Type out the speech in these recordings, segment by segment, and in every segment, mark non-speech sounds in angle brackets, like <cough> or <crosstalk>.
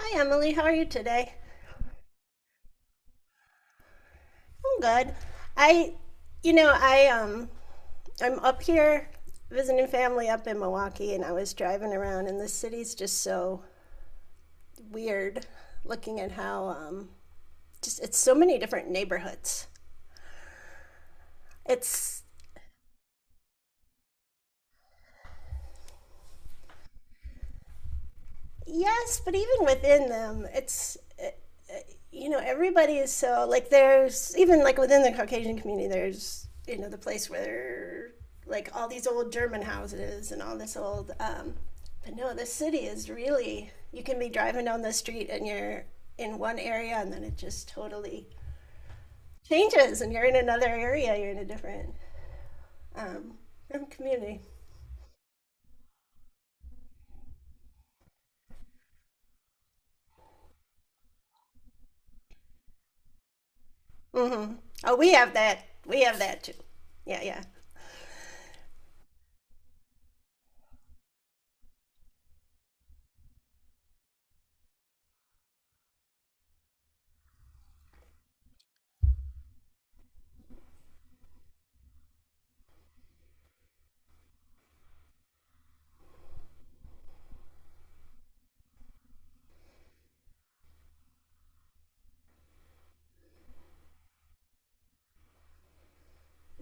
Hi Emily, how are you today? I'm good. I you know, I I'm up here visiting family up in Milwaukee and I was driving around and the city's just so weird looking at how just it's so many different neighborhoods. It's Yes, but even within them, you know, everybody is so like there's even like within the Caucasian community, there's you know the place where like all these old German houses and all this old. But no, this city is really you can be driving down the street and you're in one area and then it just totally changes and you're in another area. You're in a different um, community. Mm-hmm. Oh, we have that. We have that too. Yeah, yeah.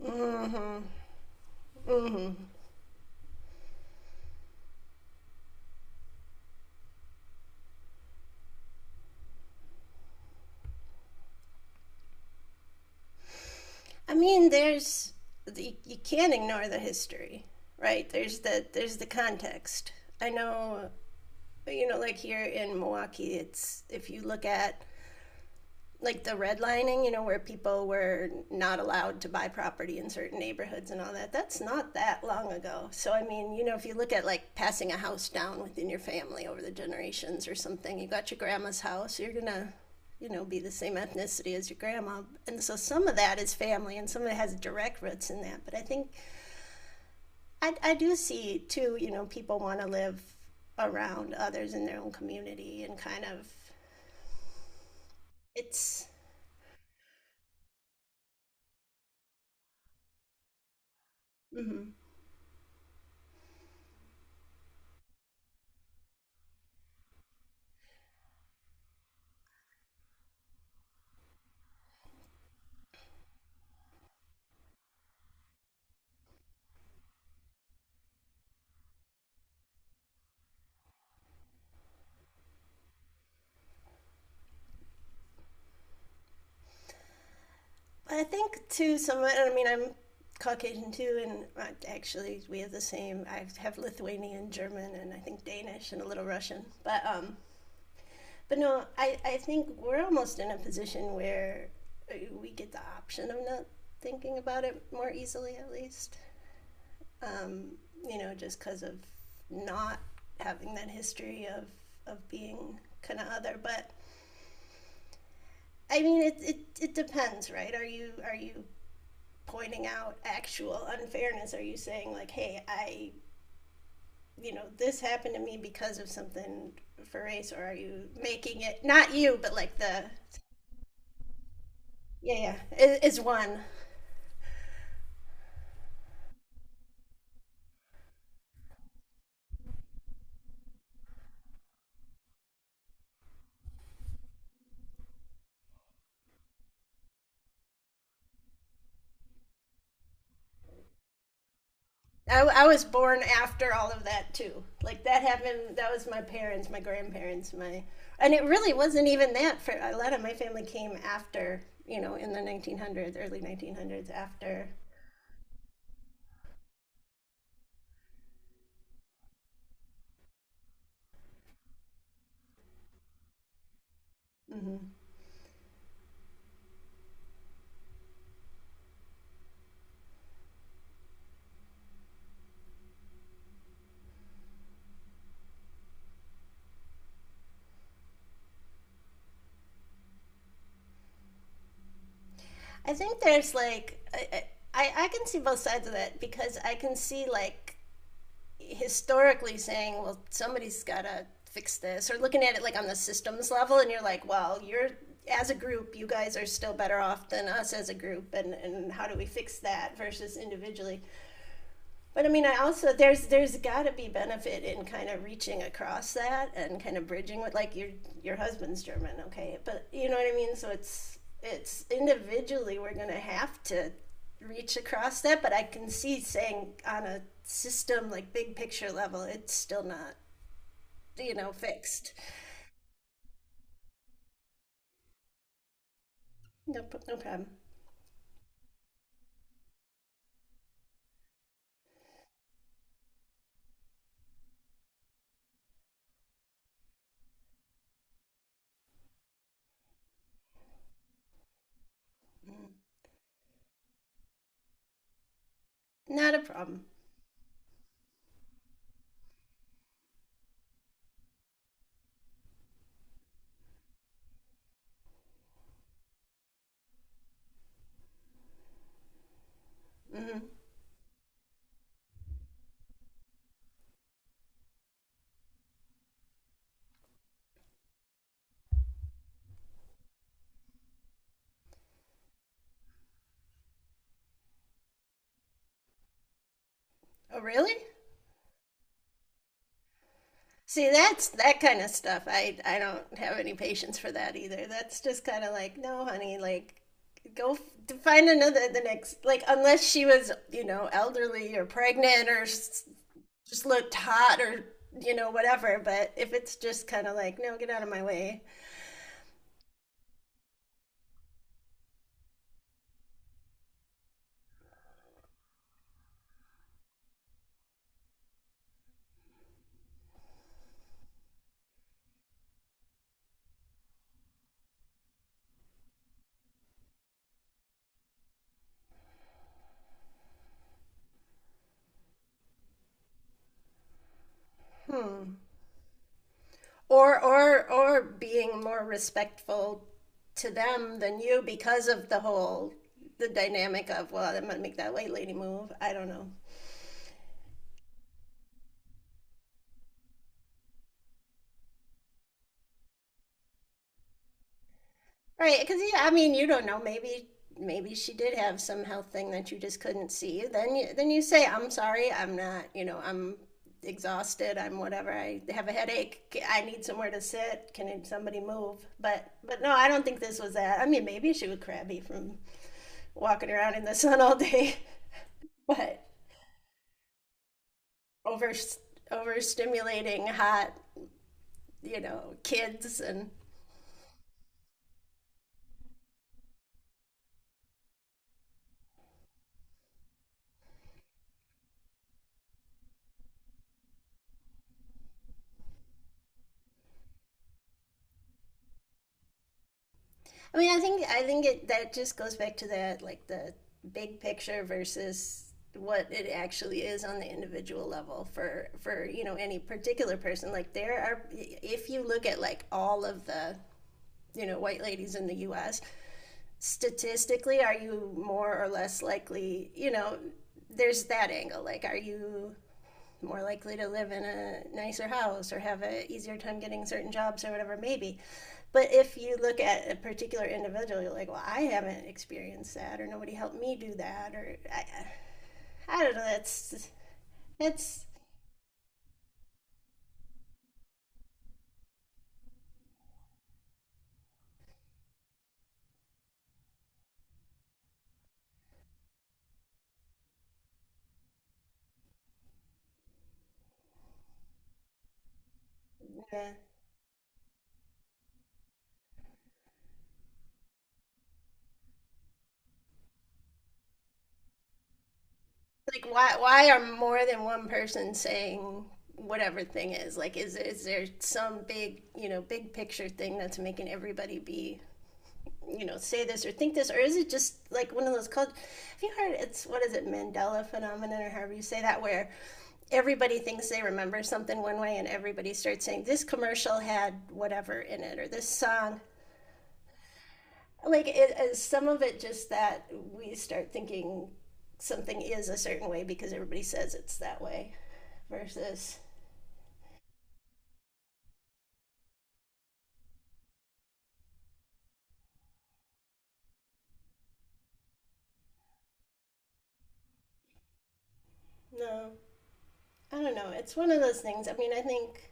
Mm-hmm. Mm-hmm. I mean, you, can't ignore the history, right? There's the context. I know, you know, like here in Milwaukee, it's if you look at like the redlining, you know, where people were not allowed to buy property in certain neighborhoods and all that, that's not that long ago. So, I mean, you know, if you look at like passing a house down within your family over the generations or something, you got your grandma's house, you're going to, you know, be the same ethnicity as your grandma. And so some of that is family and some of it has direct roots in that. But I think I do see too, you know, people want to live around others in their own community and kind of it's. Mm-hmm. I think too somewhat. I mean, I'm Caucasian too, and actually we have the same. I have Lithuanian, German, and I think Danish and a little Russian. But no, I think we're almost in a position where we get the option of not thinking about it more easily, at least. Um, you know, just because of not having that history of being kind of other, but. I mean, it depends, right? Are you pointing out actual unfairness? Are you saying like, hey, I, you know, this happened to me because of something for race, or are you making it not you, but like the yeah, yeah, it, one. I was born after all of that too. Like that happened. That was my parents, my grandparents, my, and it really wasn't even that. For a lot of my family came after, you know, in the 1900s, early 1900s, after. Mm-hmm. I think there's like I can see both sides of that because I can see like historically saying, well, somebody's got to fix this, or looking at it like on the systems level, and you're like, well, you're as a group, you guys are still better off than us as a group, and how do we fix that versus individually? But I mean, I also there's got to be benefit in kind of reaching across that and kind of bridging with like your husband's German, okay? But you know what I mean. So it's individually we're gonna have to reach across that. But I can see saying on a system like big picture level, it's still not you know fixed. No, no problem. Mm. Not a problem. Hmm. Oh, really? See, that's that kind of stuff. I don't have any patience for that either. That's just kind of like, no, honey, like go f- find another the next like unless she was, you know, elderly or pregnant or just looked hot or you know whatever, but if it's just kind of like, no, get out of my way. Or being more respectful to them than you because of the dynamic of, well, I'm gonna make that white lady move. I don't know. Right, because yeah, I mean, you don't know. Maybe maybe she did have some health thing that you just couldn't see. Then you say, "I'm sorry, I'm not. You know, I'm exhausted. I'm whatever. I have a headache. I need somewhere to sit. Can somebody move?" But no, I don't think this was that. I mean, maybe she was crabby from walking around in the sun all day, <laughs> but over overstimulating hot, you know, kids and I mean, I think it that just goes back to that like the big picture versus what it actually is on the individual level for you know any particular person like there are if you look at like all of the you know white ladies in the US statistically are you more or less likely you know there's that angle like are you more likely to live in a nicer house or have an easier time getting certain jobs or whatever maybe but if you look at a particular individual you're like well I haven't experienced that or nobody helped me do that or I don't know that's yeah. Like why are more than one person saying whatever thing is like is there some big you know big picture thing that's making everybody be you know say this or think this or is it just like one of those have you heard it's what is it Mandela phenomenon or however you say that where everybody thinks they remember something one way and everybody starts saying this commercial had whatever in it or this song like it is some of it just that we start thinking something is a certain way because everybody says it's that way versus no I don't know it's one of those things I mean I think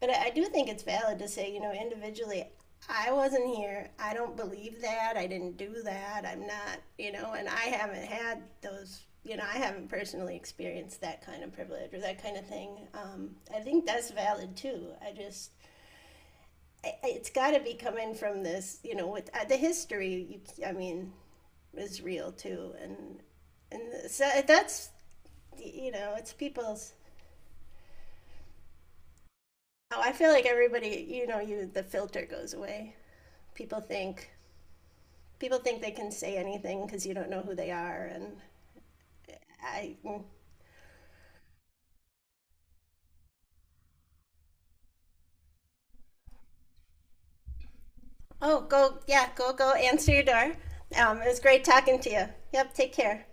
but I do think it's valid to say, you know, individually, I wasn't here. I don't believe that. I didn't do that. I'm not, you know, and I haven't had those, you know, I haven't personally experienced that kind of privilege or that kind of thing. I think that's valid too. I, it's got to be coming from this, you know, with the history, you, I mean, is real too. And so that's, you know, it's people's, oh, I feel like everybody, you know, you, the filter goes away people think people think they can say anything because you don't know who they are and I oh go yeah go answer your door it was great talking to you yep take care